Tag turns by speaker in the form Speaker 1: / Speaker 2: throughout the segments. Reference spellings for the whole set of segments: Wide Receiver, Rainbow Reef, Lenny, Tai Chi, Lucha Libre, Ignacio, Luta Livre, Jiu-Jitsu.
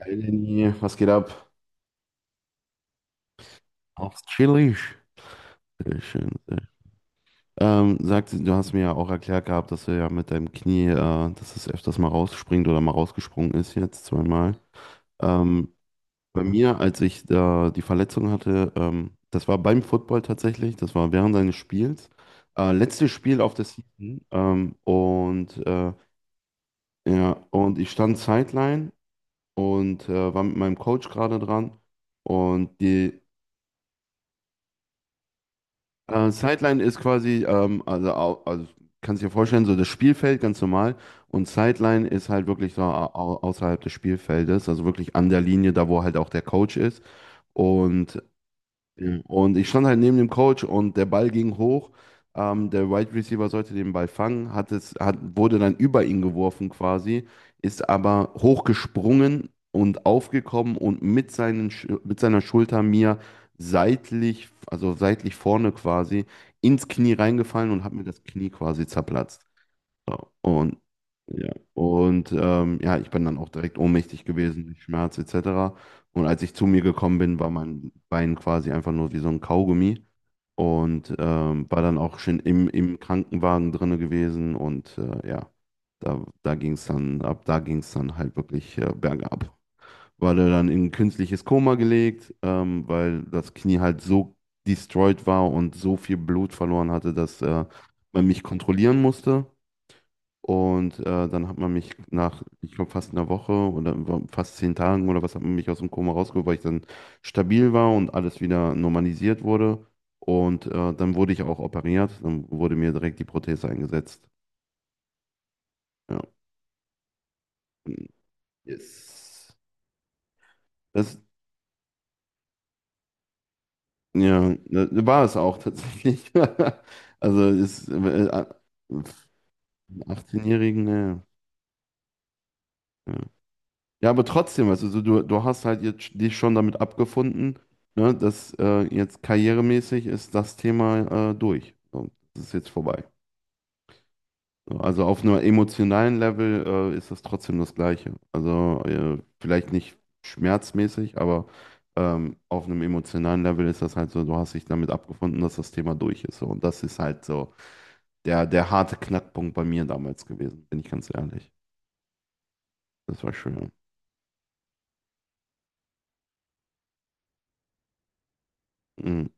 Speaker 1: Hey Lenny, was geht ab? Aufs Chili. Sehr schön, sehr schön. Sag, du hast mir ja auch erklärt gehabt, dass du ja mit deinem Knie, dass es öfters mal rausspringt oder mal rausgesprungen ist, jetzt zweimal. Ähm, Bei mir, als ich da die Verletzung hatte, das war beim Football tatsächlich, das war während seines Spiels. Letztes Spiel auf der Season. Ja, und ich stand Sideline und war mit meinem Coach gerade dran. Und die, Sideline ist quasi, also kannst dir vorstellen, so das Spielfeld ganz normal. Und Sideline ist halt wirklich so außerhalb des Spielfeldes, also wirklich an der Linie, da wo halt auch der Coach ist. Und ja. Und ich stand halt neben dem Coach und der Ball ging hoch. Der Wide Receiver sollte den Ball fangen, wurde dann über ihn geworfen quasi, ist aber hochgesprungen und aufgekommen und mit mit seiner Schulter mir seitlich, also seitlich vorne quasi, ins Knie reingefallen und hat mir das Knie quasi zerplatzt. Und ja, ja, ich bin dann auch direkt ohnmächtig gewesen durch Schmerz etc. Und als ich zu mir gekommen bin, war mein Bein quasi einfach nur wie so ein Kaugummi und war dann auch schon im Krankenwagen drinne gewesen, und ja, da, da ging es dann, ab da ging es dann halt wirklich bergab. Wurde dann in ein künstliches Koma gelegt, weil das Knie halt so destroyed war und so viel Blut verloren hatte, dass man mich kontrollieren musste. Und äh, Dann hat man mich nach, ich glaube, fast einer Woche oder fast zehn Tagen oder was, hat man mich aus dem Koma rausgeholt, weil ich dann stabil war und alles wieder normalisiert wurde. Dann wurde ich auch operiert. Dann wurde mir direkt die Prothese eingesetzt. Ja. Yes. Das, ja, das war es auch tatsächlich. Also ist 18-Jährigen, ne. Ja, aber trotzdem, also so, du hast halt jetzt dich schon damit abgefunden, ne, dass jetzt karrieremäßig ist das Thema durch. So, das ist jetzt vorbei. So. Also auf einem emotionalen Level ist das trotzdem das Gleiche. Also vielleicht nicht schmerzmäßig, aber auf einem emotionalen Level ist das halt so, du hast dich damit abgefunden, dass das Thema durch ist. So. Und das ist halt so der, der harte Knackpunkt bei mir damals gewesen, bin ich ganz ehrlich. Das war schön. Mhm.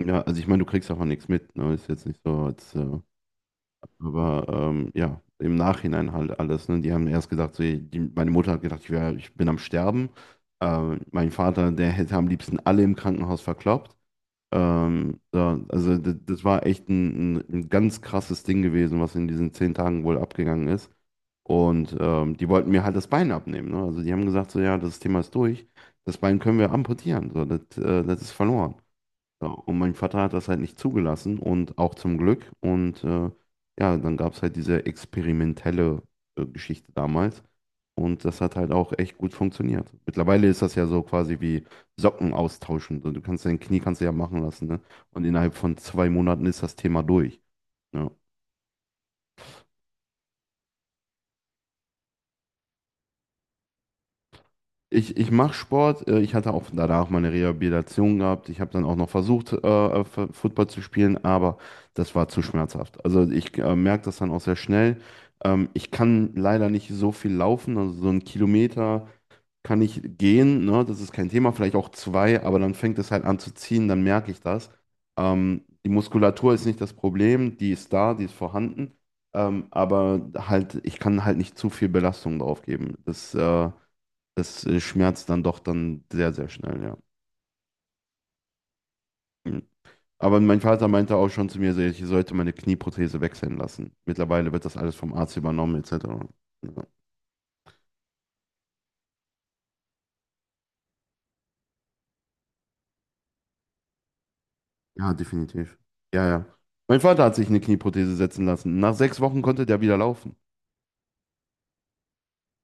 Speaker 1: Ja, also ich meine, du kriegst davon nichts mit, ne? Ist jetzt nicht so, aber ja, im Nachhinein halt alles, ne? Die haben erst gedacht, so, die, meine Mutter hat gedacht, ich bin am Sterben. Mein Vater, der hätte am liebsten alle im Krankenhaus verkloppt. Also das, das war echt ein ganz krasses Ding gewesen, was in diesen zehn Tagen wohl abgegangen ist. Die wollten mir halt das Bein abnehmen, ne? Also die haben gesagt, so ja, das Thema ist durch, das Bein können wir amputieren, so, das ist verloren. Ja, und mein Vater hat das halt nicht zugelassen und auch zum Glück. Ja, dann gab es halt diese experimentelle Geschichte damals. Und das hat halt auch echt gut funktioniert. Mittlerweile ist das ja so quasi wie Socken austauschen. So. Du kannst dein Knie kannst du ja machen lassen, ne? Und innerhalb von zwei Monaten ist das Thema durch. Ja. Ich mache Sport. Ich hatte auch danach meine Rehabilitation gehabt. Ich habe dann auch noch versucht, Football zu spielen, aber das war zu schmerzhaft. Also ich merke das dann auch sehr schnell. Ich kann leider nicht so viel laufen. Also so einen Kilometer kann ich gehen, ne? Das ist kein Thema. Vielleicht auch zwei, aber dann fängt es halt an zu ziehen, dann merke ich das. Die Muskulatur ist nicht das Problem. Die ist da, die ist vorhanden. Aber halt, ich kann halt nicht zu viel Belastung drauf geben. Das schmerzt dann doch dann sehr, sehr schnell, ja. Mhm. Aber mein Vater meinte auch schon zu mir, so, ich sollte meine Knieprothese wechseln lassen. Mittlerweile wird das alles vom Arzt übernommen, etc. Ja, ja, definitiv. Ja, ja. Mein Vater hat sich eine Knieprothese setzen lassen. Nach sechs Wochen konnte der wieder laufen.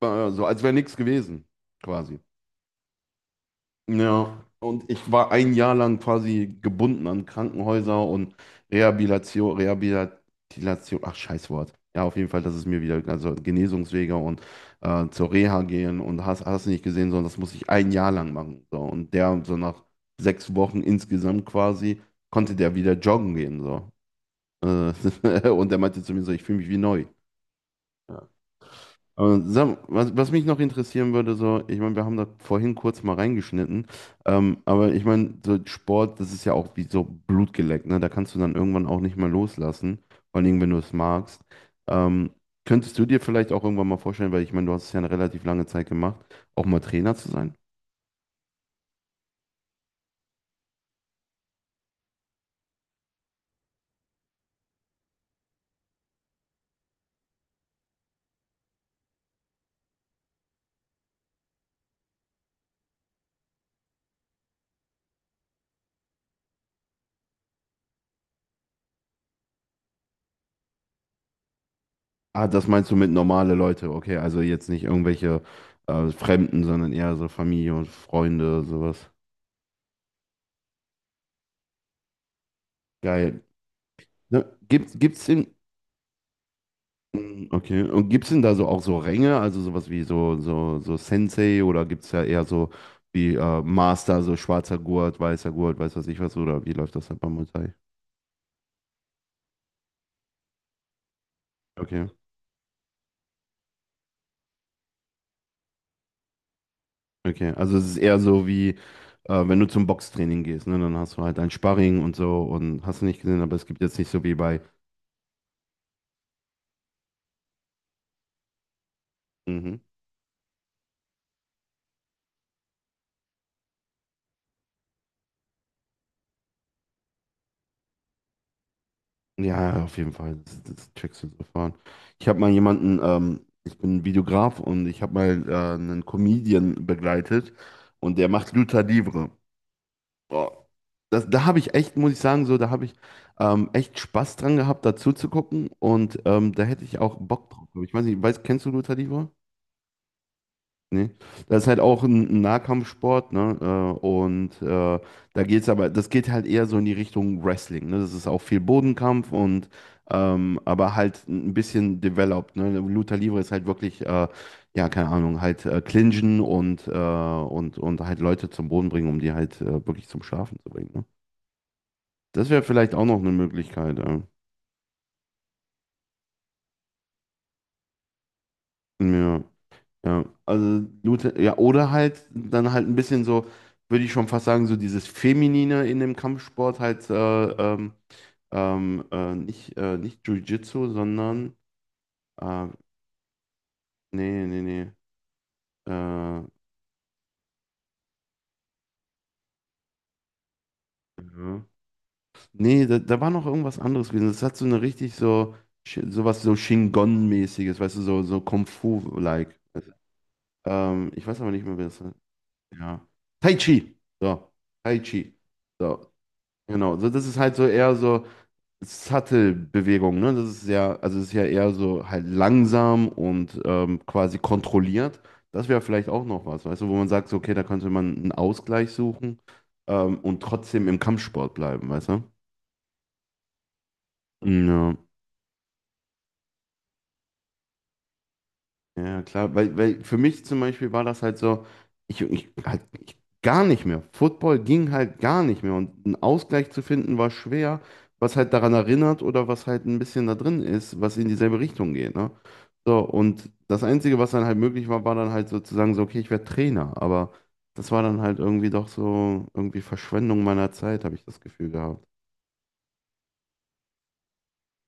Speaker 1: War so, als wäre nichts gewesen, quasi. Ja, und ich war ein Jahr lang quasi gebunden an Krankenhäuser und Rehabilitation, Rehabilitation, ach Scheißwort. Ja, auf jeden Fall, dass es mir wieder, also Genesungswege und zur Reha gehen und hast, hast nicht gesehen, sondern das muss ich ein Jahr lang machen. So. Und der, so nach sechs Wochen insgesamt quasi, konnte der wieder joggen gehen. So. Und der meinte zu mir so, ich fühle mich wie neu. Ja. Aber sag, was, was mich noch interessieren würde, so, ich meine, wir haben da vorhin kurz mal reingeschnitten, aber ich meine, so Sport, das ist ja auch wie so Blutgeleckt, ne? Da kannst du dann irgendwann auch nicht mehr loslassen, vor allem wenn du es magst. Ähm, Könntest du dir vielleicht auch irgendwann mal vorstellen, weil ich meine, du hast es ja eine relativ lange Zeit gemacht, auch mal Trainer zu sein? Ah, das meinst du mit normale Leute, okay, also jetzt nicht irgendwelche Fremden, sondern eher so Familie und Freunde, sowas. Geil. Ne? Mm, okay. Und gibt es denn da so auch so Ränge, also sowas wie so, so, so Sensei, oder gibt es ja eher so wie Master, so schwarzer Gurt, weißer Gurt, weiß was ich was, oder wie läuft das halt beim Muay Thai? Okay, okay. Also es ist eher so wie, wenn du zum Boxtraining gehst, ne, dann hast du halt ein Sparring und so und hast du nicht gesehen, aber es gibt jetzt nicht so wie bei. Mhm. Ja, auf jeden Fall. Das, das checkst du sofort. Ich habe mal jemanden, ich bin Videograf und ich habe mal einen Comedian begleitet und der macht Lucha Libre. Boah, das, da habe ich echt, muss ich sagen, so, da habe ich echt Spaß dran gehabt, dazu zu gucken und da hätte ich auch Bock drauf. Ich weiß nicht, weiß, kennst du Luta Livre? Nee. Das ist halt auch ein Nahkampfsport, ne? Da geht's aber, das geht halt eher so in die Richtung Wrestling, ne? Das ist auch viel Bodenkampf und aber halt ein bisschen developed, ne? Luta Livre ist halt wirklich, ja, keine Ahnung, halt clinchen und, und halt Leute zum Boden bringen, um die halt wirklich zum Schlafen zu bringen, ne? Das wäre vielleicht auch noch eine Möglichkeit, ja. Ja, ja. Ja, oder halt dann halt ein bisschen so, würde ich schon fast sagen, so dieses Feminine in dem Kampfsport halt, nicht, nicht Jiu-Jitsu, sondern, äh, nee, ja. Nee, da, da war noch irgendwas anderes gewesen. Das hat so eine richtig so, sowas so Shingon-mäßiges, weißt du, so, so Kung Fu-like. Ich weiß aber nicht mehr, wer das. Ja. Tai Chi. So. Tai Chi. So. Genau. So, das ist halt so eher so Sattelbewegung, ne? Das ist ja, also es ist ja eher so halt langsam und quasi kontrolliert. Das wäre vielleicht auch noch was, weißt du, wo man sagt, so, okay, da könnte man einen Ausgleich suchen und trotzdem im Kampfsport bleiben, weißt du? Ja. Ja, klar, weil, weil für mich zum Beispiel war das halt so, gar nicht mehr. Football ging halt gar nicht mehr und einen Ausgleich zu finden war schwer, was halt daran erinnert oder was halt ein bisschen da drin ist, was in dieselbe Richtung geht, ne? So, und das Einzige, was dann halt möglich war, war dann halt sozusagen so, okay, ich werde Trainer, aber das war dann halt irgendwie doch so irgendwie Verschwendung meiner Zeit, habe ich das Gefühl gehabt.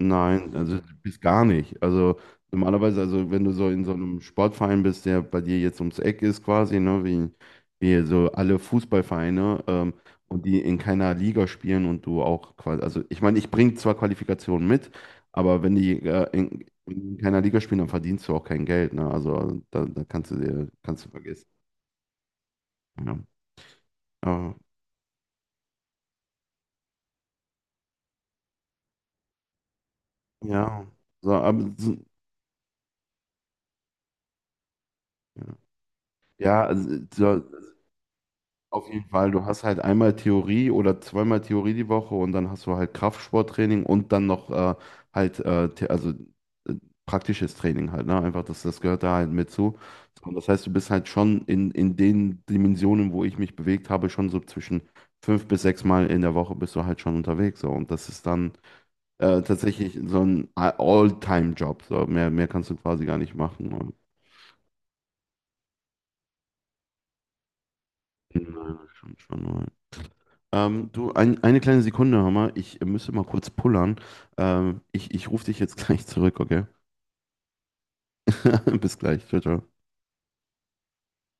Speaker 1: Nein, also bis gar nicht. Also normalerweise, also wenn du so in so einem Sportverein bist, der bei dir jetzt ums Eck ist quasi, wie so alle Fußballvereine, und die in keiner Liga spielen und du auch quasi, also ich meine, ich bringe zwar Qualifikationen mit, aber wenn die in keiner Liga spielen, dann verdienst du auch kein Geld, ne? Also da, da kannst du dir, kannst du vergessen. Ja. Aber, ja. So, aber, so- ja, also, so, auf jeden Fall, du hast halt einmal Theorie oder zweimal Theorie die Woche und dann hast du halt Kraftsporttraining und dann noch halt äh, The- also äh, praktisches Training halt, ne? Einfach, das, das gehört da halt mit zu. So. Und das heißt, du bist halt schon in den Dimensionen, wo ich mich bewegt habe, schon so zwischen fünf bis sechs Mal in der Woche bist du halt schon unterwegs. So. Und das ist dann tatsächlich so ein All-Time-Job. So. Mehr, mehr kannst du quasi gar nicht machen. Und, nein, schon, schon. Eine kleine Sekunde, Hammer. Ich müsste mal kurz pullern. Ich ich rufe dich jetzt gleich zurück, okay? Bis gleich. Ciao, ciao.